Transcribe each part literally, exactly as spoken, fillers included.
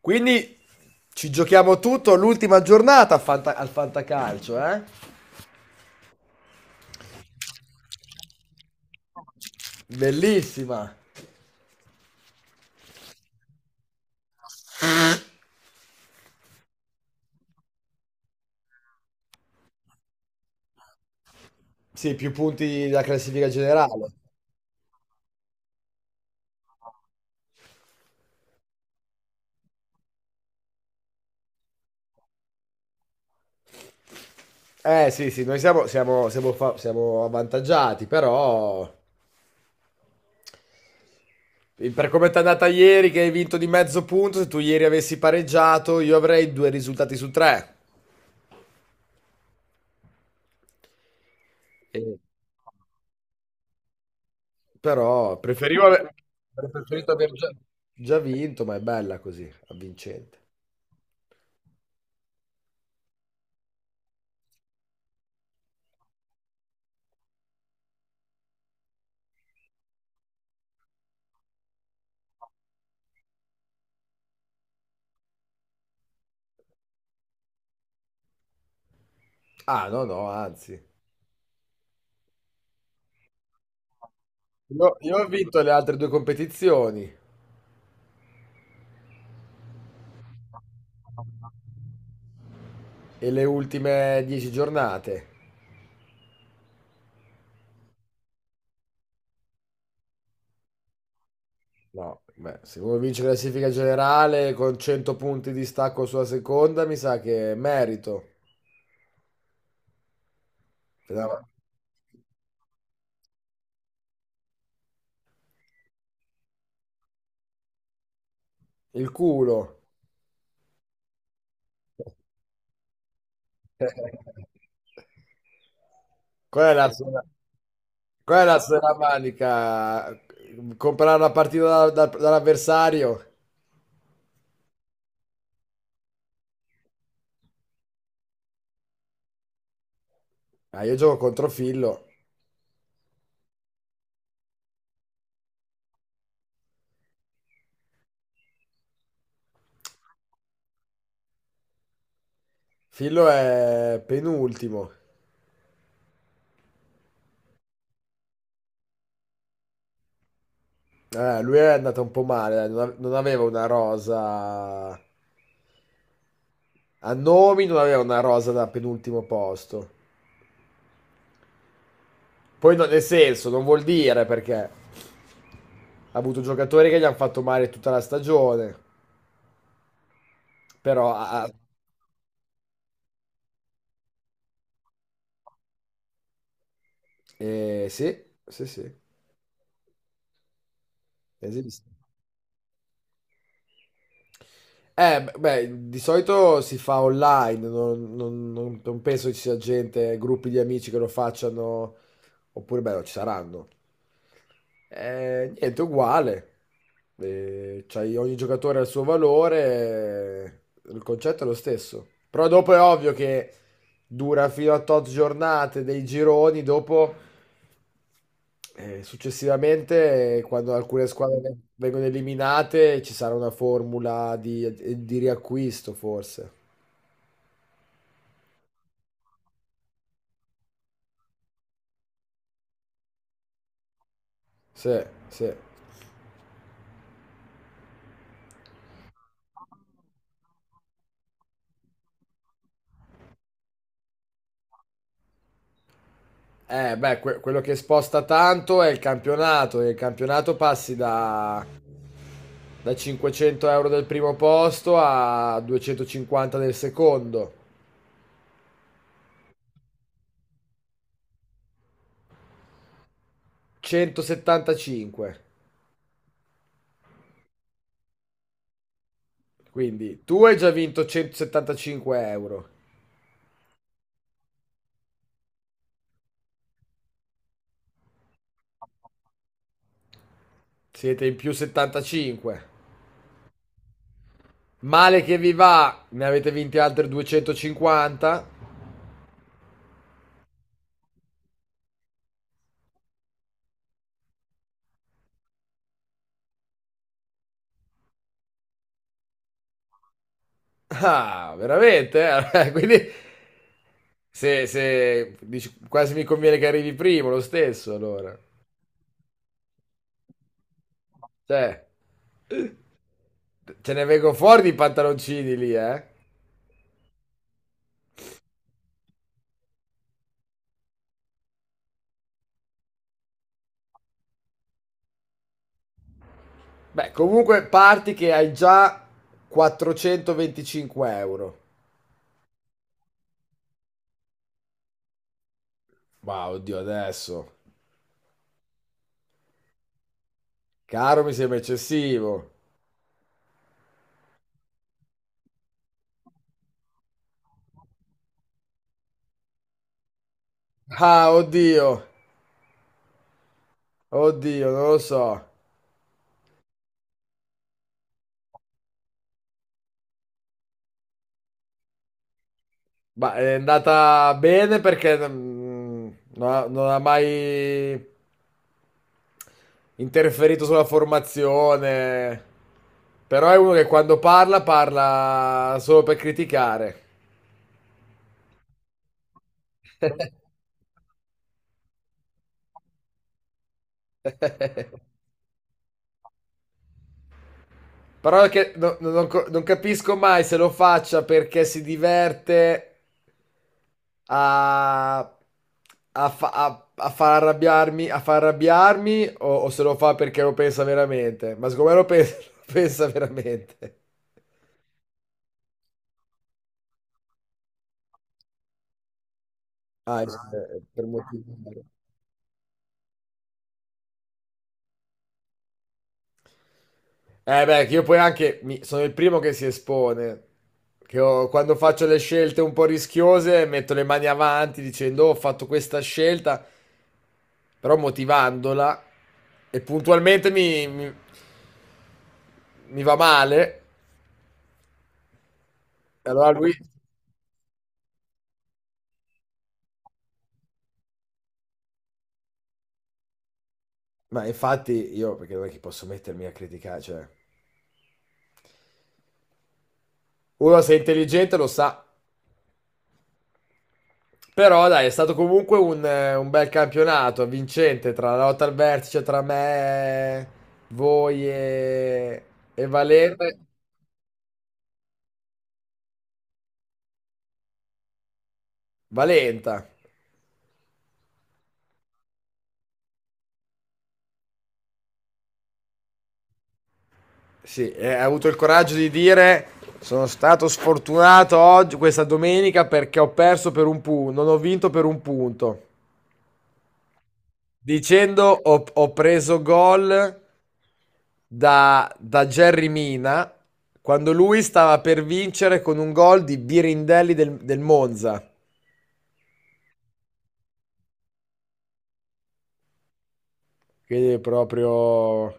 Quindi ci giochiamo tutto l'ultima giornata a Fanta- al Fantacalcio, eh? Bellissima. Sì, più punti della classifica generale. Eh sì, sì, noi siamo, siamo- siamo fa- siamo avvantaggiati, però per come ti è andata ieri che hai vinto di mezzo punto, se tu ieri avessi pareggiato io avrei due risultati su tre. E- Però preferivo aver, avrei preferito aver già, già vinto, ma è bella così, avvincente. Ah, no, no, anzi. No, io ho vinto le altre due competizioni e le ultime dieci giornate. No, beh, se uno vince la classifica generale con cento punti di stacco sulla seconda, mi sa che è merito. Ti dava- Il culo. Qual è la sola, Qual è la sola manica? Comprare la partita da- da- dall'avversario? Ah, io gioco contro Fillo. Fillo è penultimo. Eh, lui è andato un po' male, dai, non, ave- non aveva una rosa a nomi, non aveva una rosa da penultimo posto. Poi no- nel senso, non vuol dire perché ha avuto giocatori che gli hanno fatto male tutta la stagione, però ha- ha- eh, sì, sì, sì, esiste. Eh, b- beh, di solito si fa online, non, non- non- non penso ci sia gente, gruppi di amici che lo facciano, oppure beh, no, ci saranno. Eh, niente, uguale. Eh, c'hai- ogni giocatore ha il suo valore, eh, il concetto è lo stesso. Però dopo è ovvio che dura fino a tot giornate dei gironi, dopo eh, successivamente, eh, quando alcune squadre ve- vengono eliminate, ci sarà una formula di, di riacquisto, forse. Sì, sì. Eh, beh, que- quello che sposta tanto è il campionato. E il campionato passi da, da cinquecento euro del primo posto a duecentocinquanta del secondo. centosettantacinque. Quindi tu hai già vinto centosettantacinque euro. Siete in più settantacinque. Male che vi va, ne avete vinti altri duecentocinquanta. Ah, veramente? Eh? Quindi se, se dici, quasi mi conviene che arrivi primo lo stesso, allora. Cioè, ce ne vengono fuori di pantaloncini lì, eh? Beh, comunque parti che hai già quattrocentoventicinque euro. Ma oddio, adesso. Caro, mi sembra eccessivo. Ah, oddio. Oddio, non lo so. Ma è andata bene perché mm, non ha, non ha mai interferito sulla formazione. Però è uno che quando parla, parla solo per criticare. Parola che no- no- non, co- non capisco mai se lo faccia perché si diverte a, a, fa- a- a far arrabbiarmi, a far arrabbiarmi o, o se lo fa perché lo pensa veramente. Ma secondo me lo pensa, lo pensa veramente. Ah, è- è per motivare. Eh beh, che io poi anche mi- sono il primo che si espone. Che ho- quando faccio le scelte un po' rischiose metto le mani avanti dicendo: "Oh, ho fatto questa scelta. Però motivandola e puntualmente mi, mi- mi va male, e allora lui..." Ma infatti io, perché non è che posso mettermi a criticare, cioè. Uno se è intelligente lo sa, però dai, è stato comunque un, eh, un bel campionato, vincente, tra la lotta al vertice, cioè tra me, voi e, e Valente. Valenta. Sì, e ha avuto il coraggio di dire: Sono stato sfortunato oggi, questa domenica, perché ho perso per un punto, non ho vinto per un punto. Dicendo: Ho, ho preso gol da, da Jerry Mina quando lui stava per vincere con un gol di Birindelli del, del Monza. Quindi è proprio.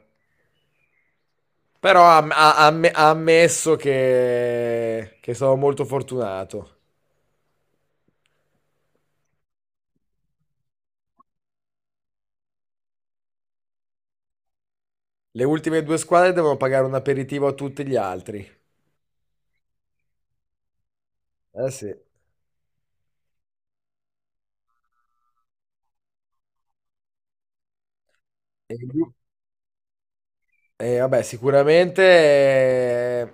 Però ha, ha- ha amme- ha ammesso che, che sono molto fortunato. Le ultime due squadre devono pagare un aperitivo a tutti gli altri. Eh sì. E, lui- e vabbè, sicuramente eh,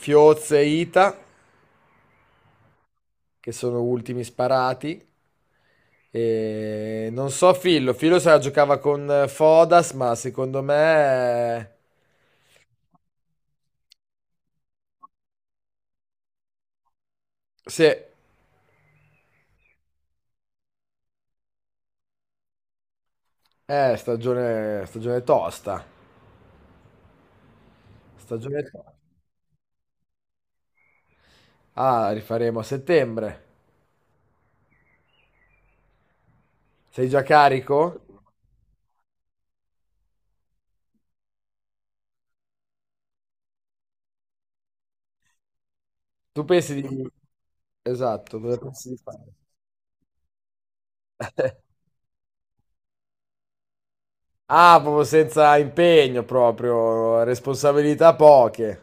Fioz e Ita, che sono ultimi sparati. E non so Fillo, Fillo se la giocava con eh, Fodas, ma secondo me. eh, Sì, è stagione, stagione tosta. Stagione tosta. Ah, rifaremo a settembre. Sei già carico? Tu pensi di. Esatto, cosa pensi di fare? Ah, proprio senza impegno proprio, responsabilità poche.